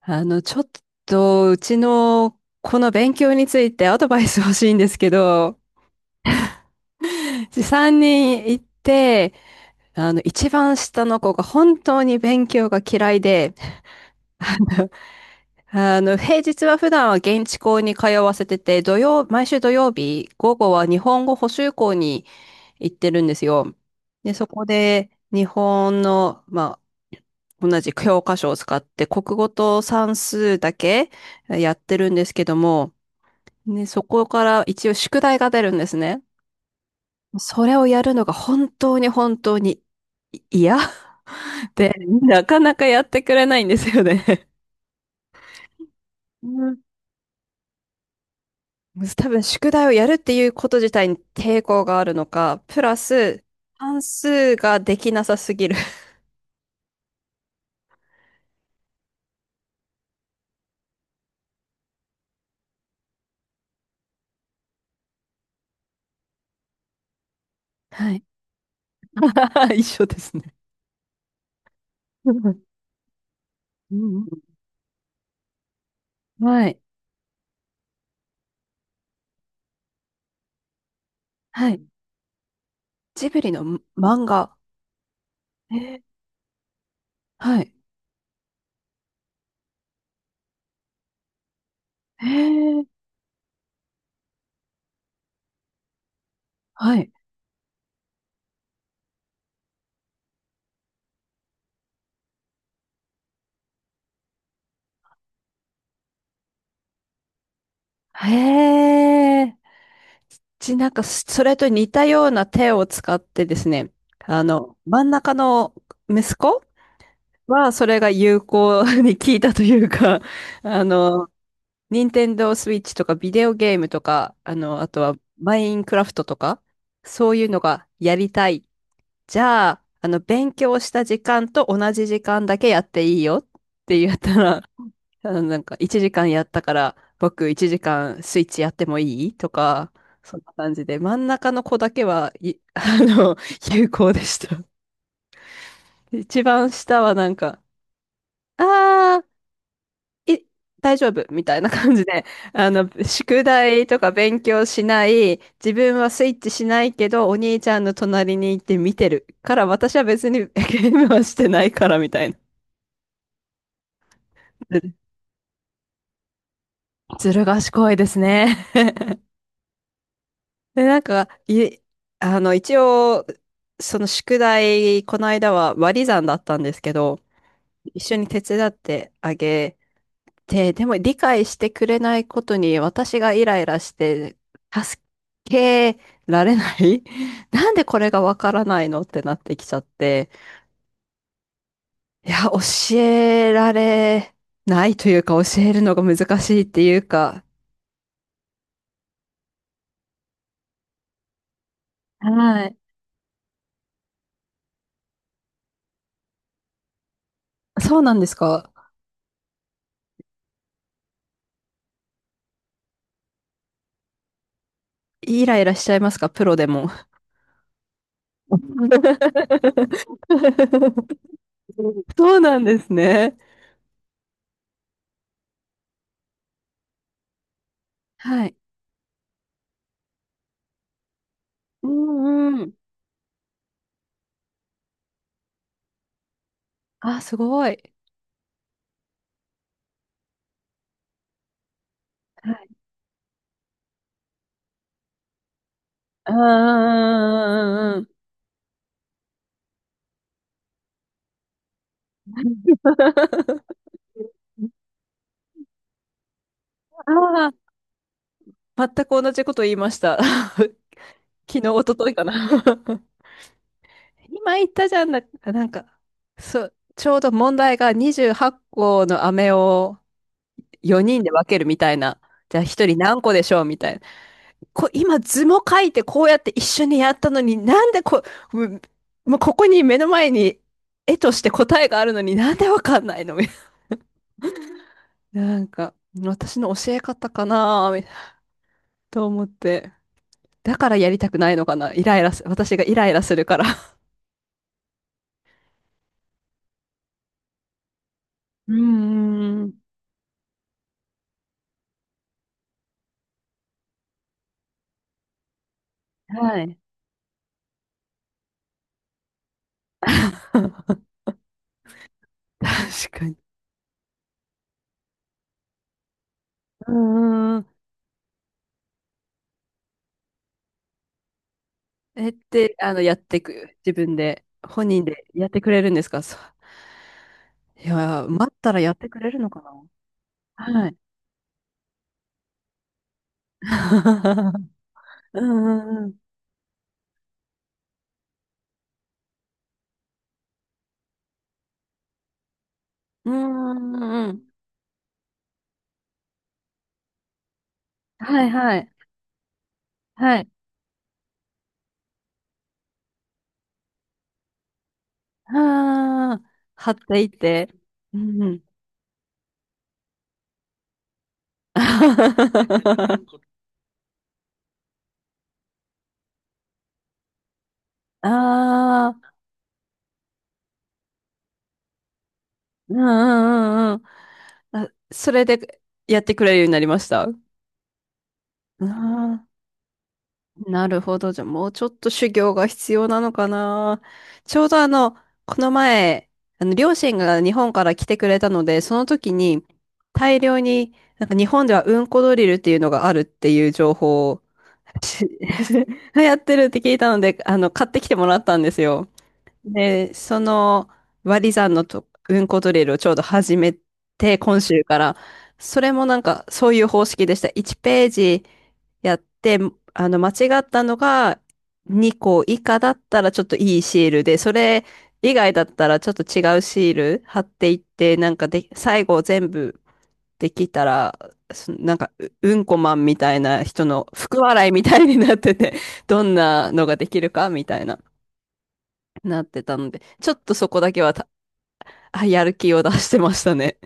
ちょっと、うちの、この勉強について アドバイス欲しいんですけど、3人行って、あの、一番下の子が本当に勉強が嫌いで、平日は普段は現地校に通わせてて、土曜、毎週土曜日、午後は日本語補習校に行ってるんですよ。で、そこで、日本の、まあ、同じ教科書を使って、国語と算数だけやってるんですけども、ね、そこから一応宿題が出るんですね。それをやるのが本当にい嫌 で、なかなかやってくれないんですよね。うん、多分宿題をやるっていうこと自体に抵抗があるのか、プラス、算数ができなさすぎる。はい。一緒ですね。うんうんうん、はい。はい。ジブリの漫画。えー、はい。えー、はい。へえ。なんか、それと似たような手を使ってですね、あの、真ん中の息子は、それが有効に効いたというか、あの、ニンテンドースイッチとかビデオゲームとか、あの、あとはマインクラフトとか、そういうのがやりたい。じゃあ、あの、勉強した時間と同じ時間だけやっていいよって言ったら、あのなんか1時間やったから僕1時間スイッチやってもいいとか、そんな感じで、真ん中の子だけは、あの、有効でした。一番下はなんか、あー、大丈夫みたいな感じで、あの、宿題とか勉強しない、自分はスイッチしないけど、お兄ちゃんの隣に行って見てるから、私は別にゲームはしてないからみたいな。ずずる賢いですね。で、なんか、あの、一応、その宿題、この間は割り算だったんですけど、一緒に手伝ってあげて、でも理解してくれないことに私がイライラして、助けられない、 なんでこれがわからないのってなってきちゃって、いや、教えられないというか、教えるのが難しいっていうか、はい。そうなんですか。イライラしちゃいますか、プロでも。そうなんですね。はい。うんうん。あ、すごい。はい。うんうんうんうんうんうん。ああ、全く同じこと言いました。昨日、一昨日かな。今言ったじゃんな、なんか、そう、ちょうど問題が28個の飴を4人で分けるみたいな。じゃあ1人何個でしょうみたい、今図も書いてこうやって一緒にやったのに、なんでこ、もうもうここに目の前に絵として答えがあるのになんでわかんないのみたいな。なんか、私の教え方かなみたいなと思って。だからやりたくないのかな、イライラす、私がイライラするから。うーん。はい。確かに。うーん。えって、あの、やってく、自分で、本人でやってくれるんですか、そう、いやー、待ったらやってくれるのかな。はい。うんうんうん。うんうんうん。はいはい。はい。ああ、貼っていって。うんうん。ああ、うんうんうんうん。あ、それでやってくれるようになりました。ああ、なるほど。じゃあもうちょっと修行が必要なのかな。ちょうどあの、この前、あの、両親が日本から来てくれたので、その時に大量に、なんか日本ではうんこドリルっていうのがあるっていう情報をし やってるって聞いたので、あの、買ってきてもらったんですよ。で、その割り算のと運行ドリルをちょうど始めて、今週から、それもなんかそういう方式でした。1ページやって、あの、間違ったのが2個以下だったらちょっといいシールで、それ以外だったらちょっと違うシール貼っていって、なんかで、最後全部できたら、なんか、うんこマンみたいな人の福笑いみたいになってて、どんなのができるかみたいな。なってたので、ちょっとそこだけはた、あ、やる気を出してましたね。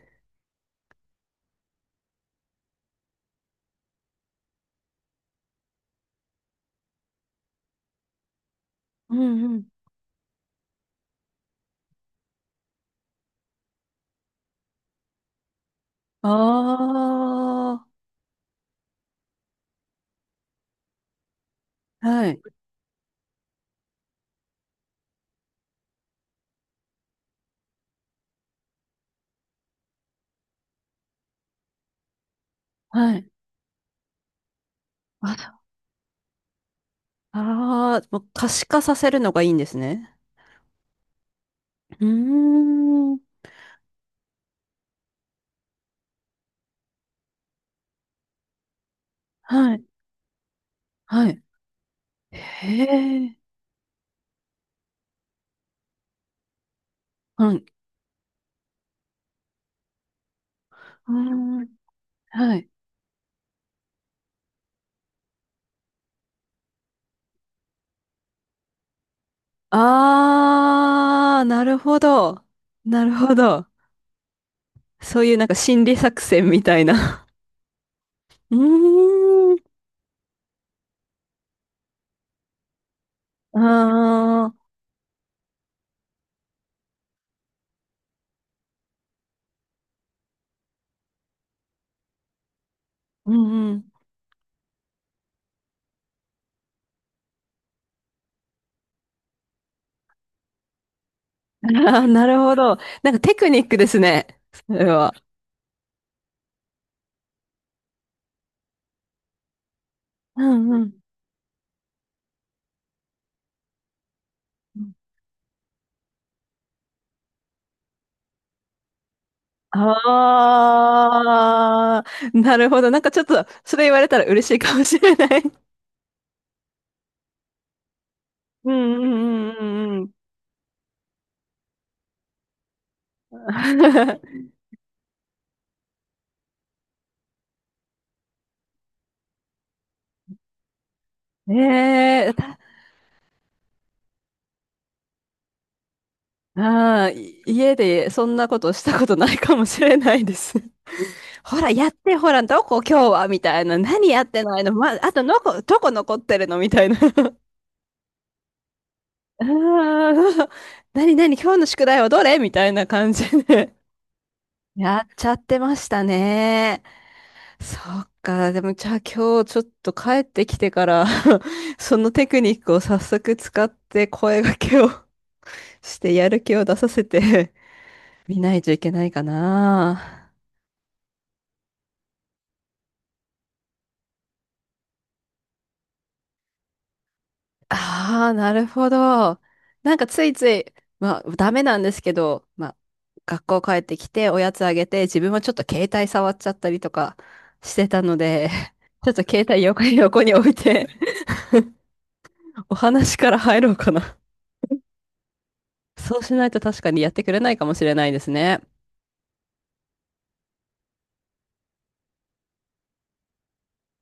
うんうん。ああ、はい、はい。あ、ああもう可視化させるのがいいんですね。うーん。はい。はい。へえ、はい、うーん。はい。ああ、なるほど。なるほど。そういうなんか心理作戦みたいな。うーん。ああ、うんうん。ああ、なるほど。なんかテクニックですね。それは。うんうん。ああ、なるほど。なんかちょっと、それ言われたら嬉しいかもしれない。うんうんうんうんうん。ええたああ、家でそんなことしたことないかもしれないです。ほら、やって、ほら、どこ今日はみたいな。やってないの、ま、あとのこ、どこ残ってるのみたいな。ああ、何今日の宿題はどれみたいな感じで。やっちゃってましたね。そっか。でも、じゃあ今日ちょっと帰ってきてから そのテクニックを早速使って声掛けを してやる気を出させて 見ないといけないかな。ああ、なるほど。なんかついつい、まあ、ダメなんですけど、まあ、学校帰ってきておやつあげて、自分はちょっと携帯触っちゃったりとかしてたので、ちょっと携帯横に置いて、お話から入ろうかな。そうしないと確かにやってくれないかもしれないですね。